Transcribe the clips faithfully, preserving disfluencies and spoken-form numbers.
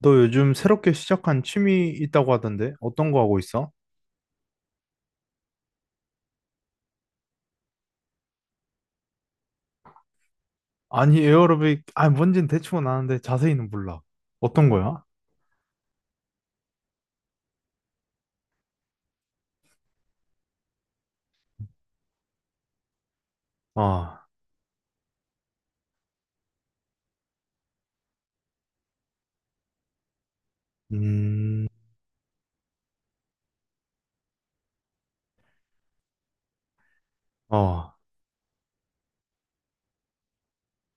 너 요즘 새롭게 시작한 취미 있다고 하던데 어떤 거 하고 있어? 아니 에어로빅 아 뭔진 대충은 아는데 자세히는 몰라. 어떤 거야? 아, 음, 어,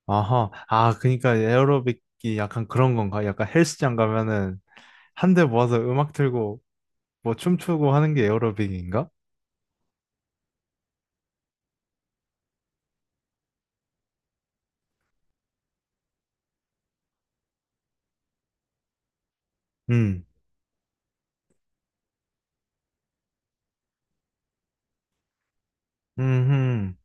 아하, 아 그러니까 에어로빅이 약간 그런 건가? 약간 헬스장 가면은 한 대 모아서 음악 틀고 뭐 춤추고 하는 게 에어로빅인가? 음, 음,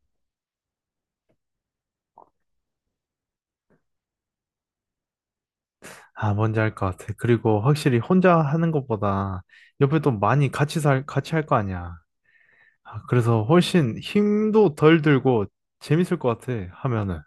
아 뭔지 알 것 같아. 그리고 확실히 혼자 하는 것보다 옆에 또 많이 같이 살 같이 할 거 아니야. 아, 그래서 훨씬 힘도 덜 들고 재밌을 것 같아, 하면은.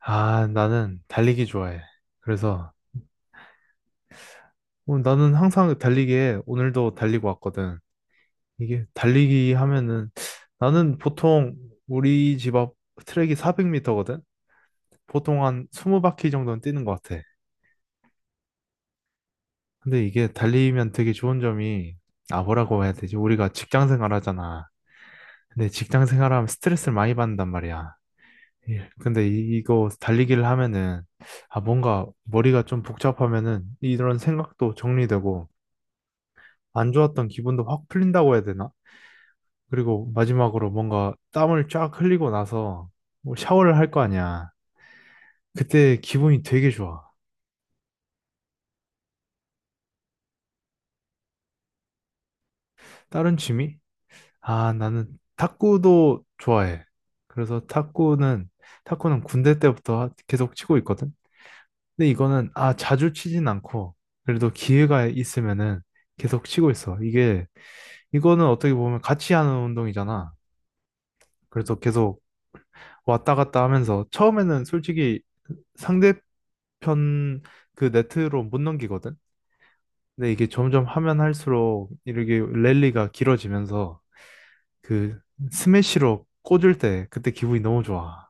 아, 나는 달리기 좋아해. 그래서 어, 나는 항상 달리기에 오늘도 달리고 왔거든. 이게 달리기 하면은 나는 보통 우리 집 앞 트랙이 사백 미터거든? 보통 한 스무 바퀴 정도는 뛰는 것 같아. 근데 이게 달리면 되게 좋은 점이 아, 뭐라고 해야 되지? 우리가 직장 생활 하잖아. 근데 직장 생활하면 스트레스를 많이 받는단 말이야. 예. 근데 이, 이거 달리기를 하면은, 아, 뭔가 머리가 좀 복잡하면은 이런 생각도 정리되고, 안 좋았던 기분도 확 풀린다고 해야 되나? 그리고 마지막으로 뭔가 땀을 쫙 흘리고 나서 뭐 샤워를 할 거 아니야. 그때 기분이 되게 좋아. 다른 취미? 아, 나는 탁구도 좋아해. 그래서 탁구는, 탁구는 군대 때부터 계속 치고 있거든. 근데 이거는 아 자주 치진 않고 그래도 기회가 있으면은 계속 치고 있어. 이게 이거는 어떻게 보면 같이 하는 운동이잖아. 그래서 계속 왔다 갔다 하면서 처음에는 솔직히 상대편 그 네트로 못 넘기거든. 근데 이게 점점 하면 할수록 이렇게 랠리가 길어지면서 그 스매시로 꽂을 때 그때 기분이 너무 좋아.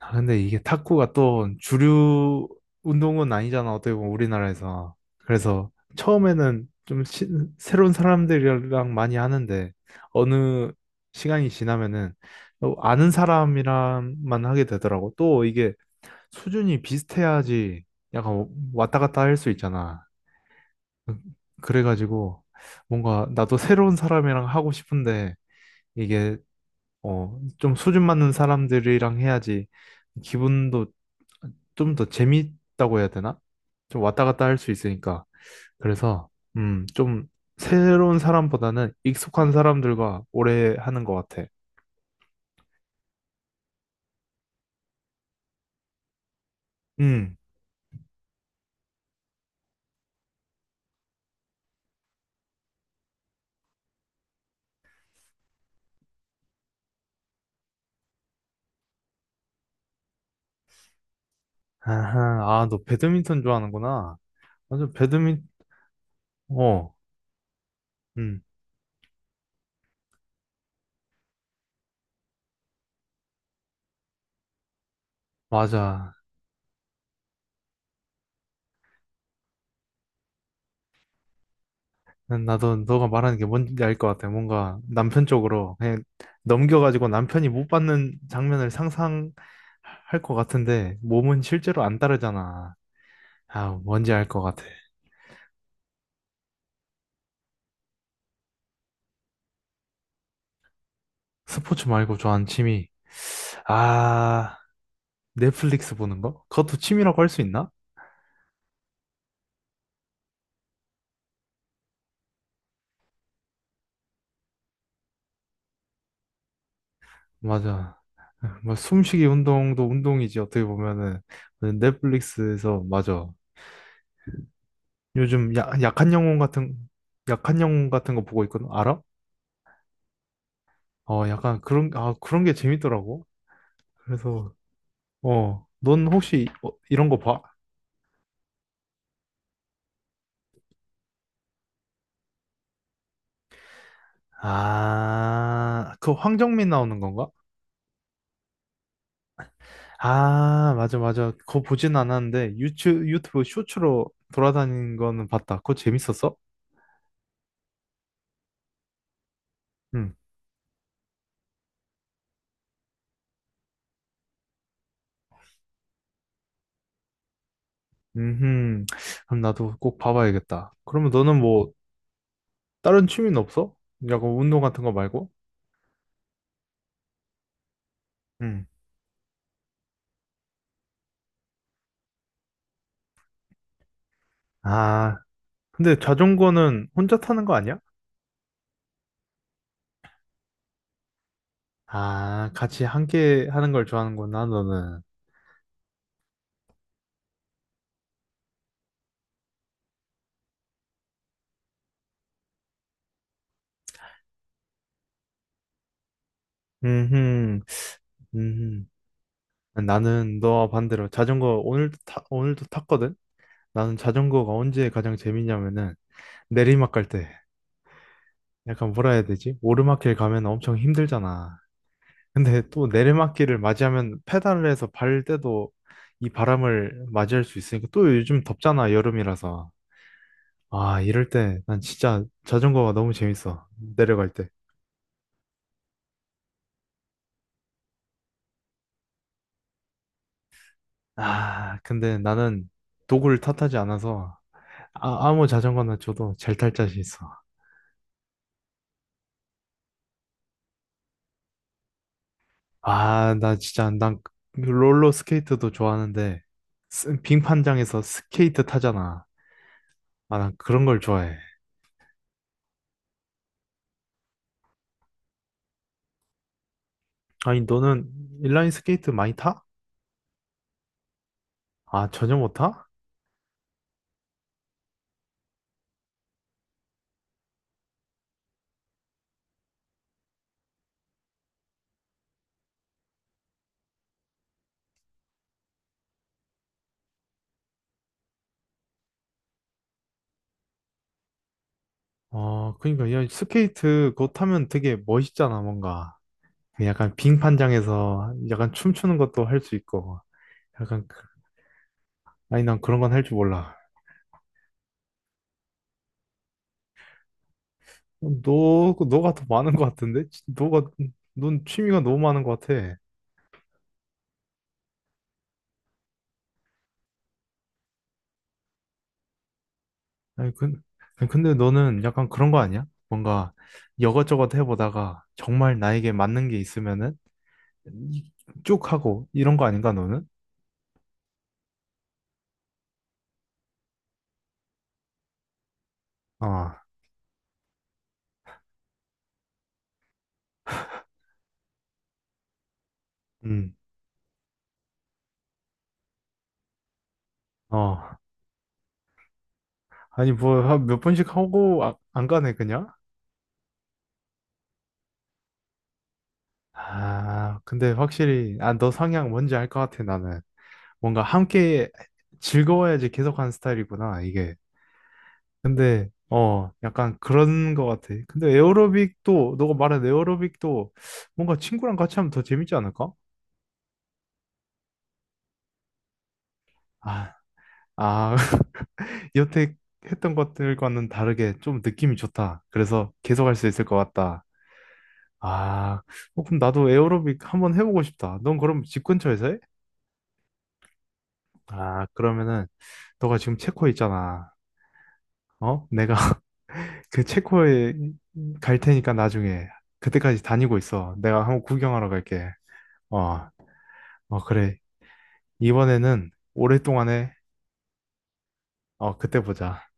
아, 근데 이게 탁구가 또 주류 운동은 아니잖아, 어떻게 보면 우리나라에서. 그래서 처음에는 좀 시- 새로운 사람들이랑 많이 하는데, 어느 시간이 지나면은 또 아는 사람이랑만 하게 되더라고. 또 이게 수준이 비슷해야지 약간 왔다 갔다 할 수 있잖아. 음, 그래가지고 뭔가 나도 새로운 사람이랑 하고 싶은데, 이게 어, 좀 수준 맞는 사람들이랑 해야지 기분도 좀 더 재밌다고 해야 되나? 좀 왔다 갔다 할 수 있으니까. 그래서, 음, 좀 새로운 사람보다는 익숙한 사람들과 오래 하는 것 같아. 음, 아하, 아, 너 배드민턴 좋아하는구나. 맞아, 배드민, 어, 음, 맞아. 나도 너가 말하는 게 뭔지 알 것 같아. 뭔가 남편 쪽으로 그냥 넘겨가지고 남편이 못 받는 장면을 상상할 것 같은데 몸은 실제로 안 따르잖아. 아, 뭔지 알 것 같아. 스포츠 말고 좋아하는 취미. 아, 넷플릭스 보는 거? 그것도 취미라고 할 수 있나? 맞아. 뭐 숨쉬기 운동도 운동이지 어떻게 보면은 넷플릭스에서 맞아. 요즘 야, 약한 영혼 같은 약한 영혼 같은 거 보고 있거든. 알아? 어, 약간 그런, 아, 그런 게 재밌더라고. 그래서, 어, 넌 혹시 어, 이런 거 봐? 아, 그 황정민 나오는 건가? 아, 맞아, 맞아. 그거 보진 않았는데, 유튜브, 유튜브 쇼츠로 돌아다니는 거는 봤다. 그거 재밌었어? 응. 음, 그럼 나도 꼭 봐봐야겠다. 그러면 너는 뭐, 다른 취미는 없어? 약간 운동 같은 거 말고? 응. 아, 근데 자전거는 혼자 타는 거 아니야? 아, 같이 함께 하는 걸 좋아하는구나, 너는. 음, 음. 나는 너와 반대로 자전거 오늘도 타, 오늘도 탔거든. 나는 자전거가 언제 가장 재밌냐면은 내리막 갈 때. 약간 뭐라 해야 되지? 오르막길 가면 엄청 힘들잖아. 근데 또 내리막길을 맞이하면 페달을 해서 발 때도 이 바람을 맞이할 수 있으니까 또 요즘 덥잖아, 여름이라서. 아, 이럴 때 난 진짜 자전거가 너무 재밌어. 내려갈 때. 아, 근데 나는 도구를 탓하지 않아서 아, 아무 자전거나 줘도 잘 탈 자신 있어. 아, 나 진짜, 난 롤러 스케이트도 좋아하는데, 스- 빙판장에서 스케이트 타잖아. 아, 난 그런 걸 좋아해. 아니, 너는 인라인 스케이트 많이 타? 아, 전혀 못 타? 어, 그러니까, 야, 스케이트 그거 타면 되게 멋있잖아, 뭔가. 약간 빙판장에서 약간 춤추는 것도 할 수 있고. 약간, 그- 아니, 난 그런 건 할 줄 몰라. 너, 그, 너가 더 많은 것 같은데? 너가, 넌 취미가 너무 많은 것 같아. 아니, 근, 아니, 근데 너는 약간 그런 거 아니야? 뭔가 여것저것 해보다가 정말 나에게 맞는 게 있으면은 이- 쭉 하고 이런 거 아닌가, 너는? 어, 음, 어. 아니, 뭐, 한몇 번씩 하고 아- 안 가네, 그냥? 아, 근데 확실히, 아, 너 성향 뭔지 알 것 같아, 나는. 뭔가 함께 즐거워야지 계속하는 스타일이구나, 이게. 근데, 어, 약간 그런 것 같아. 근데 에어로빅도, 너가 말한 에어로빅도 뭔가 친구랑 같이 하면 더 재밌지 않을까? 아, 아, 여태 했던 것들과는 다르게 좀 느낌이 좋다. 그래서 계속 할 수 있을 것 같다. 아, 어, 그럼 나도 에어로빅 한번 해보고 싶다. 넌 그럼 집 근처에서 해? 아, 그러면은 너가 지금 체코에 있잖아. 어? 내가 그 체코에 갈 테니까 나중에 그때까지 다니고 있어. 내가 한번 구경하러 갈게. 어, 어, 그래. 이번에는 오랫동안에 어, 그때 보자.